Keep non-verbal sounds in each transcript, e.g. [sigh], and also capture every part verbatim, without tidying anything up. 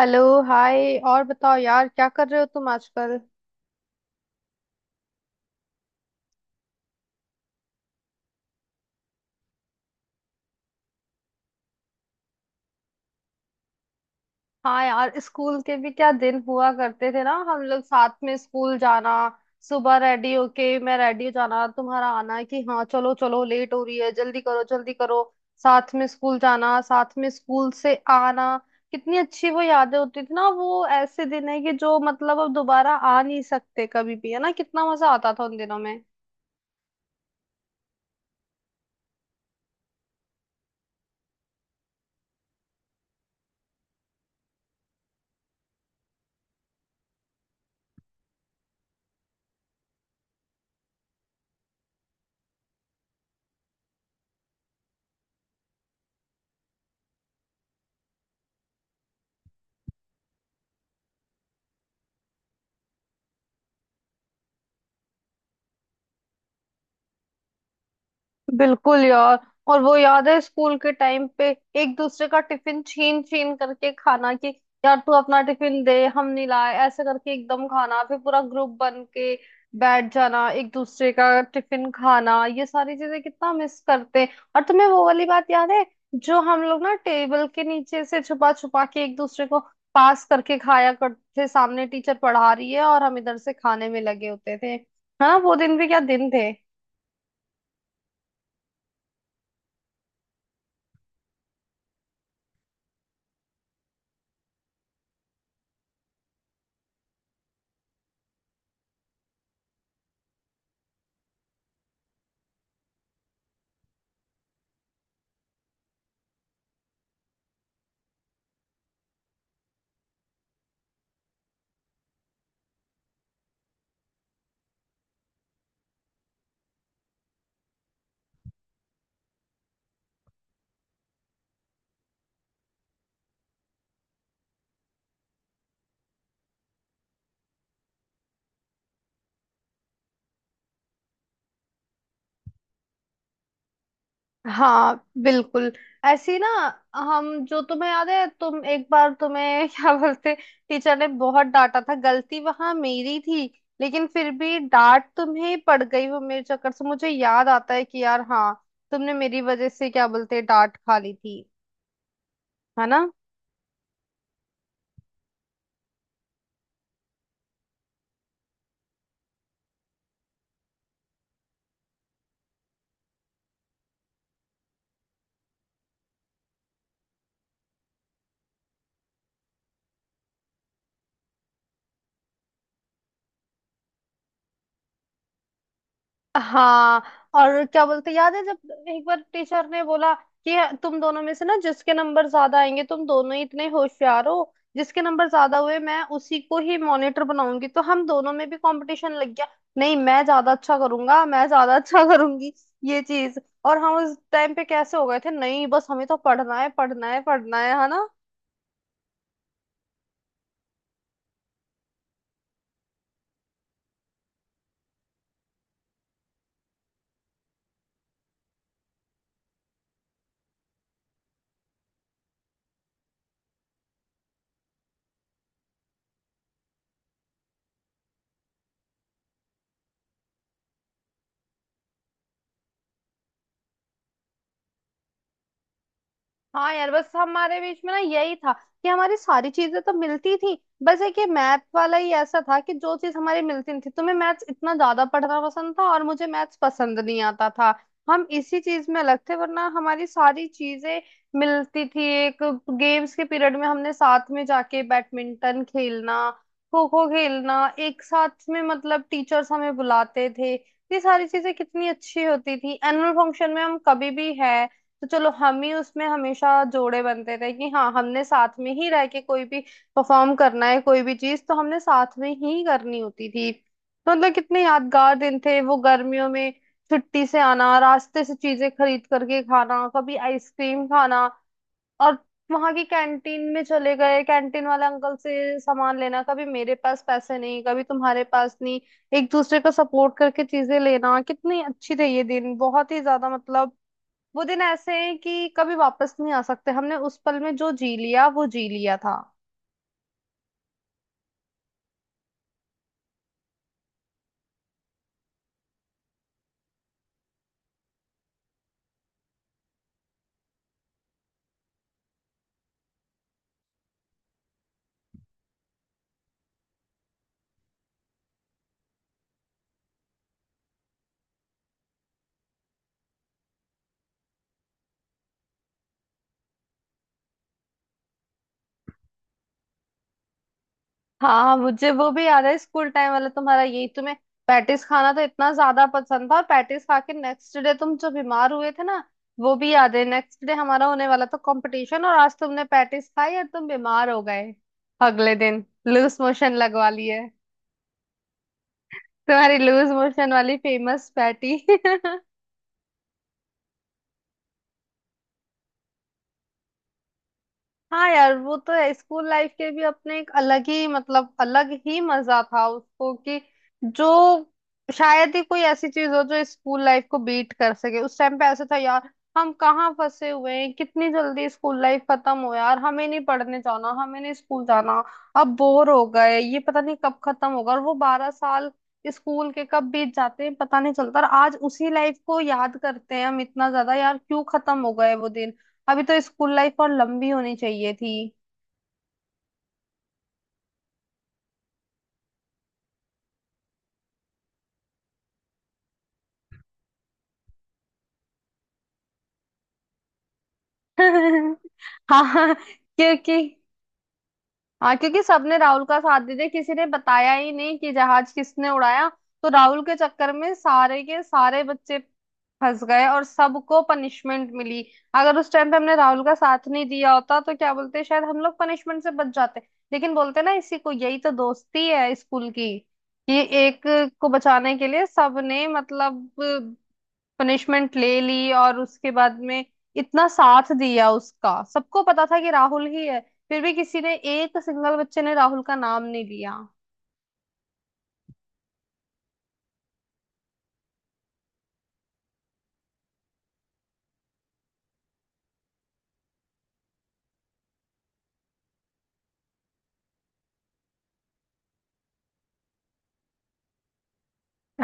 Hello. Hi, और बताओ यार, क्या कर रहे हो तुम आजकल। हाँ यार, स्कूल के भी क्या दिन हुआ करते थे ना। हम लोग साथ में स्कूल जाना, सुबह रेडी होके, मैं रेडी हो जाना, तुम्हारा आना कि हाँ चलो चलो, लेट हो रही है, जल्दी करो जल्दी करो। साथ में स्कूल जाना, साथ में स्कूल से आना, कितनी अच्छी वो यादें होती थी ना। वो ऐसे दिन है कि जो मतलब अब दोबारा आ नहीं सकते कभी भी, है ना। कितना मजा आता था उन दिनों में। बिल्कुल यार। और वो याद है स्कूल के टाइम पे एक दूसरे का टिफिन छीन छीन करके खाना, कि यार तू अपना टिफिन दे, हम नहीं लाए, ऐसे करके एकदम खाना, फिर पूरा ग्रुप बन के बैठ जाना, एक दूसरे का टिफिन खाना, ये सारी चीजें कितना मिस करते हैं। और तुम्हें वो वाली बात याद है, जो हम लोग ना टेबल के नीचे से छुपा छुपा के एक दूसरे को पास करके खाया करते थे, सामने टीचर पढ़ा रही है और हम इधर से खाने में लगे होते थे। हाँ, वो दिन भी क्या दिन थे। हाँ, बिल्कुल। ऐसी ना, हम, जो तुम्हें याद है तुम एक बार तुम्हें [laughs] क्या बोलते, टीचर ने बहुत डांटा था, गलती वहां मेरी थी, लेकिन फिर भी डांट तुम्हें पड़ गई, वो मेरे चक्कर से। मुझे याद आता है कि यार हाँ, तुमने मेरी वजह से क्या बोलते डांट खा ली थी। है ना। हाँ, और क्या बोलते याद है जब एक बार टीचर ने बोला कि तुम दोनों में से ना, जिसके नंबर ज्यादा आएंगे, तुम दोनों ही इतने होशियार हो, जिसके नंबर ज्यादा हुए मैं उसी को ही मॉनिटर बनाऊंगी। तो हम दोनों में भी कंपटीशन लग गया। नहीं, मैं ज्यादा अच्छा करूंगा, मैं ज्यादा अच्छा [laughs] करूंगी, ये चीज। और हम उस टाइम पे कैसे हो गए थे, नहीं बस हमें तो पढ़ना है, पढ़ना है, पढ़ना है है ना। हाँ यार, बस हमारे बीच में ना यही था कि हमारी सारी चीजें तो मिलती थी, बस एक ये मैथ वाला ही ऐसा था कि जो चीज हमारी मिलती नहीं थी। तुम्हें मैथ्स इतना ज्यादा पढ़ना पसंद था और मुझे मैथ्स पसंद नहीं आता था। हम इसी चीज में अलग थे, वरना हमारी सारी चीजें मिलती थी। एक गेम्स के पीरियड में हमने साथ में जाके बैडमिंटन खेलना, खो खो खेलना एक साथ में, मतलब टीचर्स हमें बुलाते थे। ये सारी चीजें कितनी अच्छी होती थी। एनुअल फंक्शन में हम कभी भी है तो चलो हम ही, उसमें हमेशा जोड़े बनते थे कि हाँ हमने साथ में ही रह के कोई भी परफॉर्म करना है, कोई भी चीज तो हमने साथ में ही करनी होती थी। तो मतलब कितने यादगार दिन थे वो। गर्मियों में छुट्टी से आना, रास्ते से चीजें खरीद करके खाना, कभी आइसक्रीम खाना, और वहां की कैंटीन में चले गए, कैंटीन वाले अंकल से सामान लेना, कभी मेरे पास पैसे नहीं, कभी तुम्हारे पास नहीं, एक दूसरे का सपोर्ट करके चीजें लेना, कितनी अच्छी थे ये दिन, बहुत ही ज्यादा, मतलब वो दिन ऐसे हैं कि कभी वापस नहीं आ सकते। हमने उस पल में जो जी लिया वो जी लिया था। हाँ, मुझे वो भी याद है, स्कूल टाइम वाला तुम्हारा, यही तुम्हें पैटिस खाना तो इतना ज्यादा पसंद था, और पैटिस खा के नेक्स्ट डे तुम जो बीमार हुए थे ना, वो भी याद है। नेक्स्ट डे हमारा होने वाला था कंपटीशन, और आज तुमने पैटिस खाई और तुम बीमार हो गए, अगले दिन लूज मोशन लगवा लिए। तुम्हारी लूज मोशन वाली फेमस पैटी। [laughs] हाँ यार, वो तो है, स्कूल लाइफ के भी अपने एक अलग ही, मतलब अलग ही मजा था उसको। कि जो शायद ही कोई ऐसी चीज हो जो स्कूल लाइफ को बीट कर सके। उस टाइम पे ऐसा था यार, हम कहाँ फंसे हुए हैं, कितनी जल्दी स्कूल लाइफ खत्म हो, यार हमें नहीं पढ़ने जाना, हमें नहीं स्कूल जाना, अब बोर हो गए, ये पता नहीं कब खत्म होगा। और वो बारह साल स्कूल के कब बीत जाते हैं पता नहीं चलता, और आज उसी लाइफ को याद करते हैं हम इतना ज्यादा, यार क्यों खत्म हो गए वो दिन। अभी तो स्कूल लाइफ और लंबी होनी चाहिए थी। [laughs] हाँ क्योंकि, हाँ क्योंकि सबने राहुल का साथ दे दिया, किसी ने बताया ही नहीं कि जहाज किसने उड़ाया। तो राहुल के चक्कर में सारे के सारे बच्चे फंस गए और सबको पनिशमेंट मिली। अगर उस टाइम पे हमने राहुल का साथ नहीं दिया होता तो क्या बोलते, शायद हम लोग पनिशमेंट से बच जाते। लेकिन बोलते ना इसी को, यही तो दोस्ती है स्कूल की, कि एक को बचाने के लिए सबने, मतलब पनिशमेंट ले ली, और उसके बाद में इतना साथ दिया उसका। सबको पता था कि राहुल ही है, फिर भी किसी ने, एक सिंगल बच्चे ने राहुल का नाम नहीं लिया।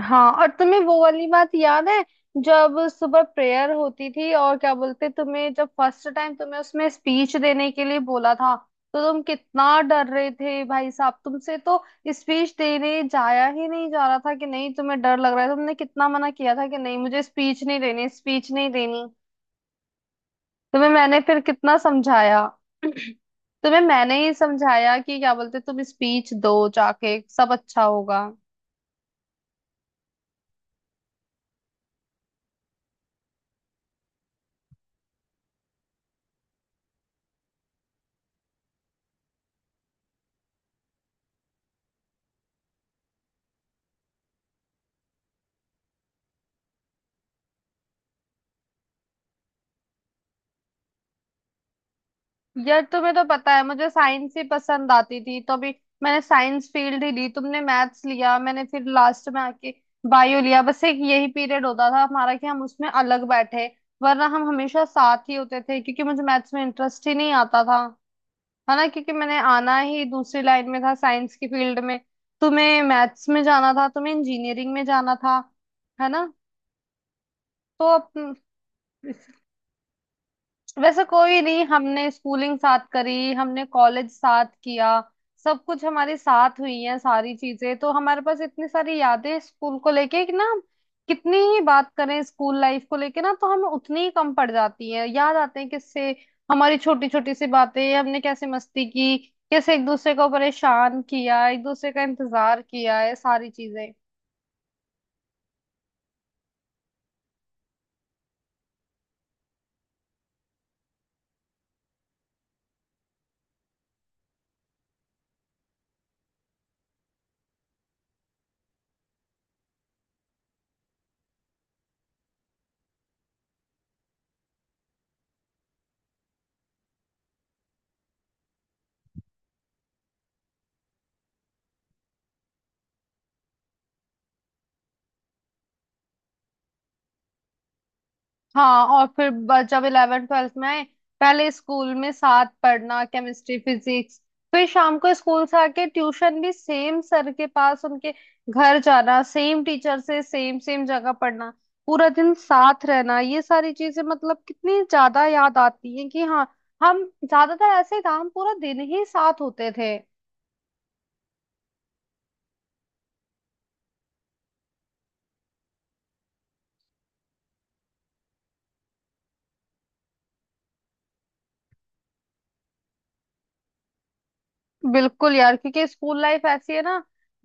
हाँ, और तुम्हें वो वाली बात याद है जब सुबह प्रेयर होती थी, और क्या बोलते तुम्हें जब फर्स्ट टाइम तुम्हें उसमें स्पीच देने के लिए बोला था, तो तुम कितना डर रहे थे भाई साहब। तुमसे तो स्पीच देने जाया ही नहीं जा रहा था, कि नहीं तुम्हें डर लग रहा है। तुमने कितना मना किया था कि नहीं मुझे स्पीच नहीं देनी, स्पीच नहीं देनी। तुम्हें मैंने फिर कितना समझाया। [clears throat] तुम्हें मैंने ही समझाया कि क्या बोलते तुम स्पीच दो जाके, सब अच्छा होगा। यार, तुम्हें तो पता है मुझे साइंस ही पसंद आती थी, तो अभी मैंने साइंस फील्ड ही ली, तुमने मैथ्स लिया। मैंने फिर लास्ट में आके बायो लिया। बस एक यही पीरियड होता था हमारा कि हम उसमें अलग बैठे, वरना हम हमेशा साथ ही होते थे, क्योंकि मुझे मैथ्स में इंटरेस्ट ही नहीं आता था, है ना, क्योंकि मैंने आना ही दूसरी लाइन में था, साइंस की फील्ड में। तुम्हें मैथ्स में जाना था, तुम्हें इंजीनियरिंग में जाना था, है ना। तो अब वैसे कोई नहीं, हमने स्कूलिंग साथ करी, हमने कॉलेज साथ किया, सब कुछ हमारे साथ हुई है सारी चीजें, तो हमारे पास इतनी सारी यादें स्कूल को लेके कि ना हम कितनी ही बात करें स्कूल लाइफ को लेके ना, तो हमें उतनी ही कम पड़ जाती है। याद आते हैं किससे, हमारी छोटी छोटी सी बातें, हमने कैसे मस्ती की, कैसे एक दूसरे को परेशान किया, एक दूसरे का इंतजार किया, है सारी चीजें। हाँ, और फिर ब- जब इलेवन ट्वेल्थ में आए, पहले स्कूल में साथ पढ़ना, केमिस्ट्री, फिजिक्स, फिर शाम को स्कूल से आके ट्यूशन भी सेम सर के पास, उनके घर जाना, सेम टीचर से, सेम सेम जगह पढ़ना, पूरा दिन साथ रहना, ये सारी चीजें मतलब कितनी ज्यादा याद आती हैं कि हाँ, हम ज्यादातर ऐसे काम पूरा दिन ही साथ होते थे। बिल्कुल यार, क्योंकि स्कूल लाइफ ऐसी है ना,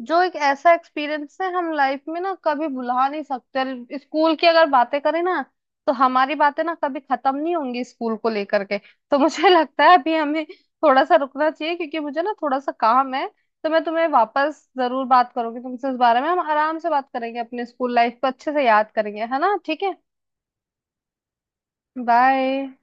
जो एक ऐसा एक्सपीरियंस है हम लाइफ में ना कभी भुला नहीं सकते। स्कूल की अगर बातें करें ना, तो हमारी बातें ना कभी खत्म नहीं होंगी स्कूल को लेकर के। तो मुझे [laughs] लगता है अभी हमें थोड़ा सा रुकना चाहिए, क्योंकि मुझे ना थोड़ा सा काम है। तो मैं तुम्हें वापस जरूर बात करूंगी, तुमसे इस बारे में हम आराम से बात करेंगे, अपने स्कूल लाइफ को अच्छे से याद करेंगे, है ना, ठीक है। बाय।